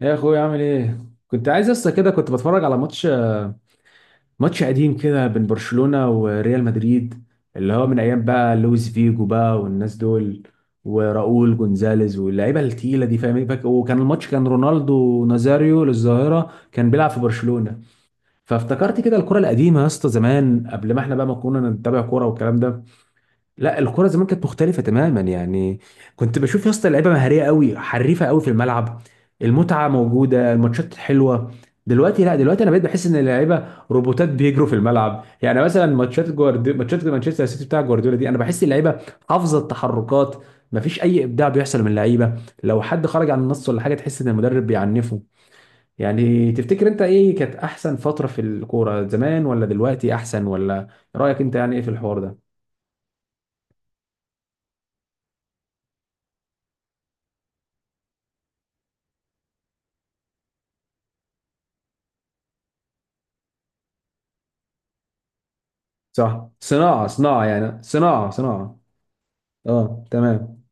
يا اخويا عامل ايه؟ كنت عايز لسه كده، كنت بتفرج على ماتش قديم كده بين برشلونة وريال مدريد، اللي هو من ايام بقى لويس فيجو بقى والناس دول، وراؤول جونزاليز واللعيبه التقيله دي. فاهم إيه؟ وكان الماتش، كان رونالدو نازاريو للظاهره كان بيلعب في برشلونة. فافتكرت كده الكرة القديمة يا اسطى، زمان قبل ما احنا بقى ما كنا نتابع كورة والكلام ده. لا، الكرة زمان كانت مختلفة تماما يعني. كنت بشوف يا اسطى لعيبة مهارية قوي، حريفة قوي في الملعب، المتعة موجودة، الماتشات حلوة. دلوقتي لا، دلوقتي انا بقيت بحس ان اللعيبة روبوتات بيجروا في الملعب. يعني مثلا ماتشات جوارديولا، ماتشات مانشستر سيتي بتاع جوارديولا دي، انا بحس اللعيبة حافظة التحركات، مفيش اي ابداع بيحصل من اللعيبة. لو حد خرج عن النص ولا حاجة تحس ان المدرب بيعنفه. يعني تفتكر انت ايه كانت احسن فترة في الكورة، زمان ولا دلوقتي احسن؟ ولا رأيك انت يعني ايه في الحوار ده؟ صح، صناعة صناعة يعني، صناعة. اه تمام.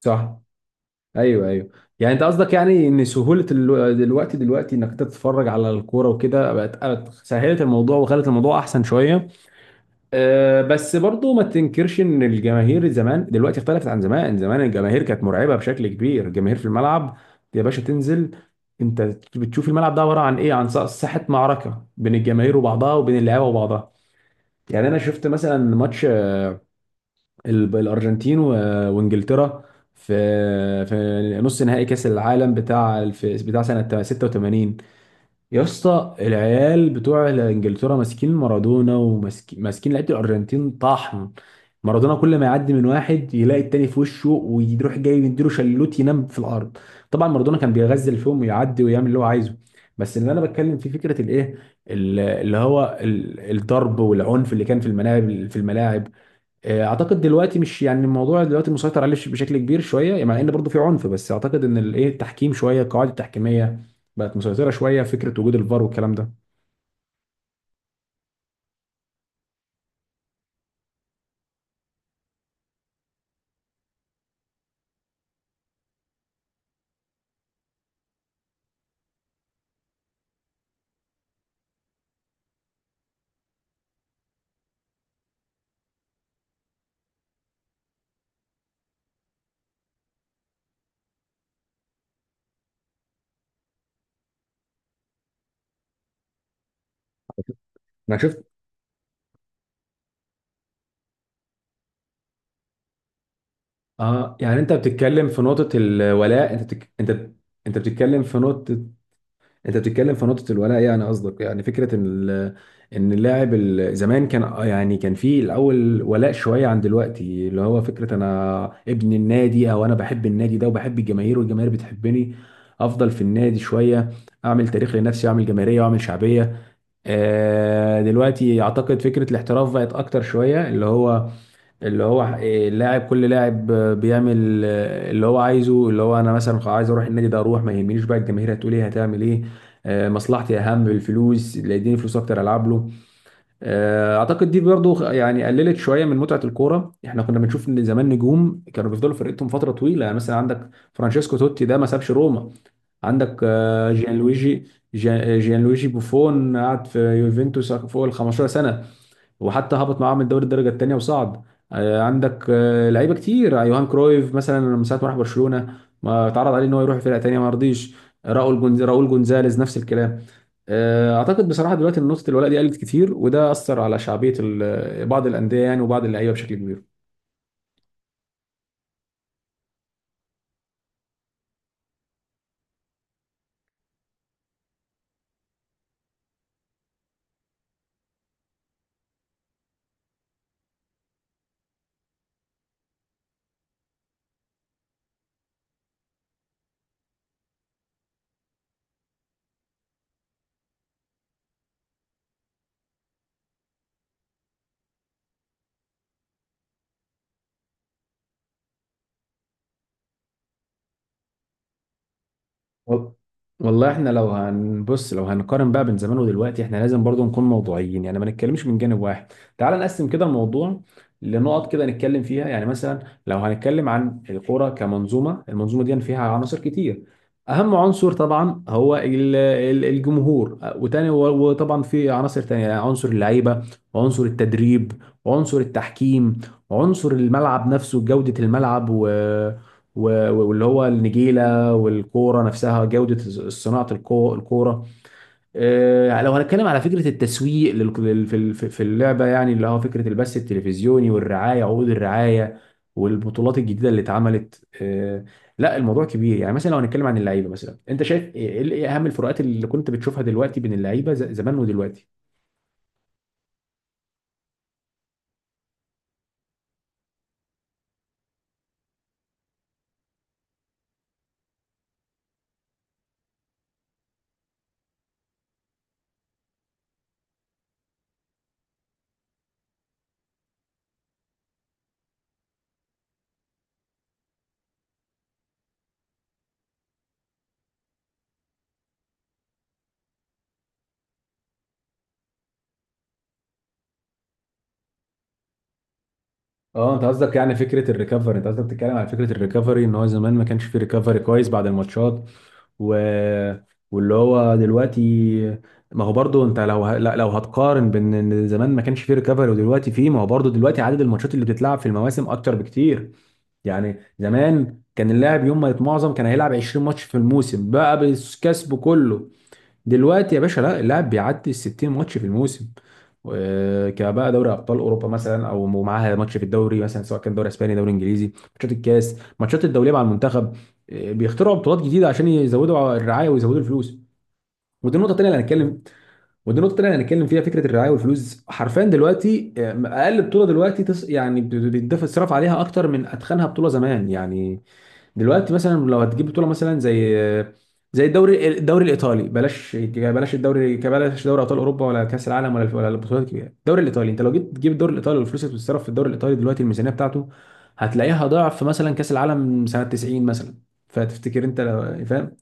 صح. ايوه ايوه. يعني انت قصدك يعني ان سهولة دلوقتي انك تتفرج على الكورة وكده، بقت سهلت الموضوع وخلت الموضوع احسن شوية. أه، بس برضو ما تنكرش ان الجماهير زمان دلوقتي اختلفت عن زمان. زمان الجماهير كانت مرعبة بشكل كبير، الجماهير في الملعب. يا باشا تنزل انت بتشوف الملعب ده عبارة عن ايه؟ عن ساحة معركة بين الجماهير وبعضها وبين اللعيبة وبعضها. يعني انا شفت مثلا ماتش الارجنتين وانجلترا في نص نهائي كاس العالم بتاع سنه 86. يا اسطى العيال بتوع انجلترا ماسكين مارادونا وماسكين لعيبه الارجنتين طحن. مارادونا كل ما يعدي من واحد يلاقي التاني في وشه، ويروح جاي يديله شلوت ينام في الارض. طبعا مارادونا كان بيغزل فيهم ويعدي ويعمل اللي هو عايزه. بس اللي انا بتكلم فيه فكره الايه، اللي هو الضرب والعنف اللي كان في الملاعب في الملاعب. اعتقد دلوقتي مش يعني، الموضوع دلوقتي مسيطر عليه بشكل كبير شويه، يعني مع ان برضه في عنف. بس اعتقد ان الايه التحكيم شويه، القواعد التحكيميه بقت مسيطره شويه، فكره وجود الفار والكلام ده. انا شفت. اه، يعني انت بتتكلم في نقطه الولاء، انت انت، انت بتتكلم في نقطه، انت بتتكلم في نقطة الولاء. يعني قصدك يعني فكرة ان ان اللاعب زمان كان آه يعني، كان في الاول ولاء شوية عن دلوقتي، اللي هو فكرة انا ابن النادي او انا بحب النادي ده وبحب الجماهير والجماهير بتحبني، افضل في النادي شوية، اعمل تاريخ لنفسي واعمل جماهيرية واعمل شعبية. دلوقتي اعتقد فكرة الاحتراف بقت اكتر شوية، اللي هو، اللي هو إيه، اللاعب كل لاعب بيعمل اللي هو عايزه، اللي هو انا مثلا عايز اروح النادي ده اروح، ما يهمنيش بقى الجماهير هتقول ايه، هتعمل ايه. مصلحتي اهم، الفلوس اللي يديني فلوس اكتر العب له. اعتقد دي برضو يعني قللت شويه من متعه الكوره. احنا كنا بنشوف ان زمان نجوم كانوا بيفضلوا في فرقتهم فتره طويله، يعني مثلا عندك فرانشيسكو توتي ده ما سابش روما. عندك جيانلويجي، جيانلويجي بوفون قعد في يوفنتوس فوق ال 15 سنه، وحتى هبط معاه من دوري الدرجه الثانيه وصعد. عندك لعيبه كتير، يوهان كرويف مثلا من ساعه ما راح برشلونه ما اتعرض عليه ان هو يروح فرقه ثانيه ما رضيش. راؤول جونز، راؤول جونزاليز نفس الكلام. اعتقد بصراحه دلوقتي إن نقطه الولاء دي قلت كتير، وده اثر على شعبيه بعض الانديه يعني وبعض اللعيبه بشكل كبير. وال- والله احنا لو هنبص، لو هنقارن بقى بين زمان ودلوقتي، احنا لازم برضو نكون موضوعيين، يعني ما نتكلمش من جانب واحد. تعال نقسم كده الموضوع لنقط كده نتكلم فيها. يعني مثلا لو هنتكلم عن الكورة كمنظومة، المنظومة دي فيها عناصر كتير. اهم عنصر طبعا هو الجمهور، وتاني وطبعا في عناصر تانية، يعني عنصر اللعيبة، وعنصر التدريب، وعنصر التحكيم، وعنصر الملعب نفسه، جودة الملعب، واللي هو النجيلة، والكوره نفسها جوده، صناعه الكوره. لو هنتكلم على فكره التسويق في اللعبه، يعني اللي هو فكره البث التلفزيوني والرعايه، عقود الرعايه، والبطولات الجديده اللي اتعملت لا، الموضوع كبير. يعني مثلا لو هنتكلم عن اللعيبه مثلا، انت شايف ايه، إيه اهم الفروقات اللي كنت بتشوفها دلوقتي بين اللعيبه زمان ودلوقتي؟ اه، انت قصدك يعني فكره الريكفري، انت قصدك بتتكلم على فكره الريكفري ان هو زمان ما كانش فيه ريكفري كويس بعد الماتشات. و... واللي هو دلوقتي، ما هو برضو انت لو ه... لا- لو هتقارن بين ان زمان ما كانش فيه ريكفري ودلوقتي فيه، ما هو برضو دلوقتي عدد الماتشات اللي بتتلعب في المواسم اكتر بكتير. يعني زمان كان اللاعب يوم ما يتمعظم كان هيلعب 20 ماتش في الموسم بقى بالكسب كله. دلوقتي يا باشا لا، اللاعب بيعدي ال 60 ماتش في الموسم. كبقى دوري ابطال اوروبا مثلا او معاها ماتش في الدوري مثلا، سواء كان دوري اسباني دوري انجليزي، ماتشات الكاس، ماتشات الدوليه مع المنتخب. بيخترعوا بطولات جديده عشان يزودوا الرعايه ويزودوا الفلوس. ودي النقطه الثانيه اللي هنتكلم، ودي النقطه الثانيه اللي هنتكلم فيها، فكره الرعايه والفلوس. حرفيا دلوقتي اقل بطوله دلوقتي يعني بيتدفع الصرف عليها اكتر من اتخنها بطوله زمان يعني. دلوقتي مثلا لو هتجيب بطوله مثلا زي، زي الدوري، الدوري الايطالي، بلاش، بلاش الدوري، بلاش دوري ابطال اوروبا ولا كاس العالم ولا البطولات الكبيره. الدوري الايطالي، انت لو جيت تجيب الدوري الايطالي والفلوس اللي بتتصرف في الدوري الايطالي دلوقتي، الميزانيه بتاعته هتلاقيها ضعف مثلا كاس العالم سنه 90 مثلا. فتفتكر انت لو فاهم؟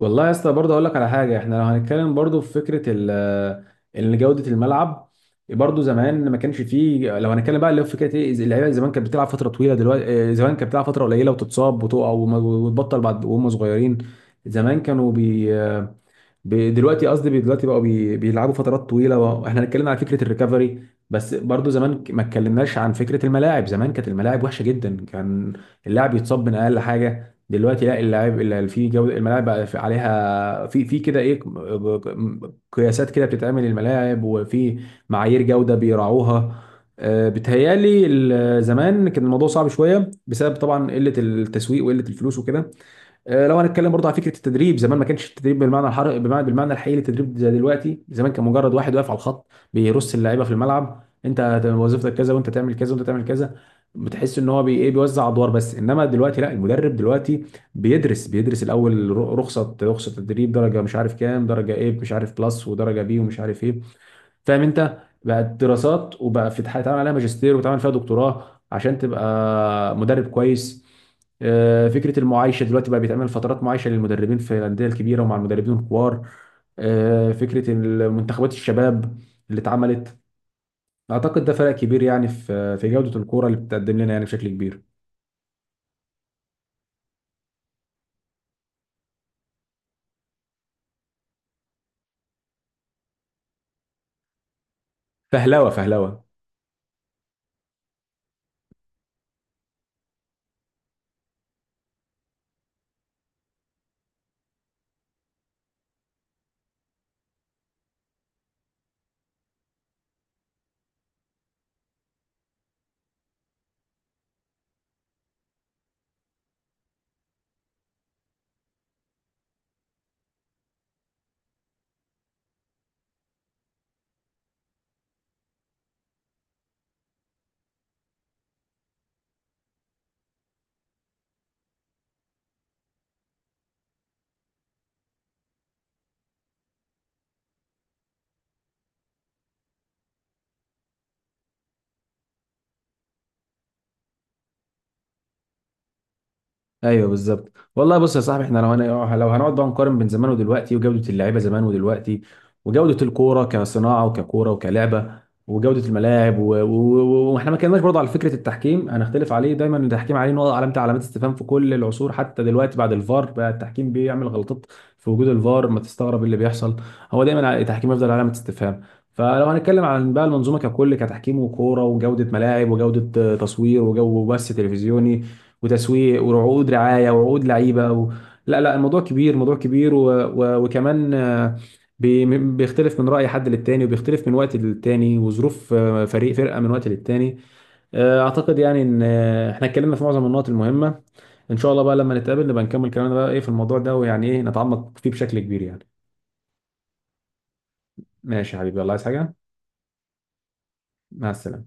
والله يا اسطى برضه اقول لك على حاجه. احنا لو هنتكلم برضه في فكره ال آه، ان جوده الملعب، برضه زمان ما كانش فيه. لو هنتكلم بقى اللي هو فكره ايه، اللعيبه زمان كانت بتلعب فتره طويله. دلوقتي إيه، زمان كانت بتلعب فتره قليله وتتصاب وتقع وتبطل بعد وهم صغيرين. زمان كانوا بي ب- دلوقتي قصدي بي- دلوقتي بقوا بي- بيلعبوا فترات طويله بقى. احنا هنتكلم على فكره الريكفري، بس برضو زمان ما اتكلمناش عن فكره الملاعب. زمان كانت الملاعب وحشه جدا، كان اللاعب يتصاب من اقل حاجه. دلوقتي لا، اللاعب اللي في جوده الملاعب بقى عليها، في في كده ايه، قياسات كده بتتعمل الملاعب، وفي معايير جوده بيراعوها. بتهيالي زمان كان الموضوع صعب شويه بسبب طبعا قله التسويق وقله الفلوس وكده. لو هنتكلم برضه على فكره التدريب، زمان ما كانش التدريب بالمعنى الحر، بمعنى بالمعنى الحقيقي للتدريب زي دلوقتي. زمان كان مجرد واحد واقف على الخط بيرص اللعيبه في الملعب، انت وظيفتك كذا، وانت تعمل كذا، وانت تعمل كذا. بتحس ان هو بي ايه، بيوزع ادوار بس. انما دلوقتي لا، المدرب دلوقتي بيدرس الاول، رخصه تدريب، درجه مش عارف كام، درجه ايه مش عارف، بلس ودرجه بي ومش عارف ايه. فاهم انت، بقت دراسات، وبقى في اتعمل عليها ماجستير وتعمل فيها دكتوراه عشان تبقى مدرب كويس. فكره المعايشه دلوقتي بقى بيتعمل فترات معايشه للمدربين في الانديه الكبيره ومع المدربين الكبار. فكره منتخبات الشباب اللي اتعملت، اعتقد ده فرق كبير يعني في في جوده الكوره اللي بتقدم لنا يعني بشكل كبير. فهلوه فهلوه. ايوه بالظبط والله. بص يا صاحبي، احنا لو لو هنقعد بقى نقارن بين زمان ودلوقتي، وجوده اللعيبه زمان ودلوقتي، وجوده الكوره كصناعه وككوره وكلعبه، وجوده الملاعب واحنا ما كناش برضه على فكره التحكيم. هنختلف عليه دايما التحكيم، عليه نقطه، علامه، علامات استفهام في كل العصور. حتى دلوقتي بعد الفار بقى التحكيم بيعمل غلطات في وجود الفار. ما تستغرب إيه اللي بيحصل، هو دايما التحكيم يفضل علامه استفهام. فلو هنتكلم عن بقى المنظومه ككل، كتحكيم وكوره وجوده ملاعب وجوده تصوير وجو بث تلفزيوني وتسويق وعقود رعايه وعقود لعيبه لا لا، الموضوع كبير، موضوع كبير. وكمان بيختلف من راي حد للتاني، وبيختلف من وقت للتاني، وظروف فرقه من وقت للتاني. اعتقد يعني ان احنا اتكلمنا في معظم النقط المهمه. ان شاء الله بقى لما نتقابل نبقى نكمل كلامنا بقى ايه في الموضوع ده، ويعني ايه نتعمق فيه بشكل كبير يعني. ماشي يا حبيبي، الله عايز حاجه؟ مع السلامه.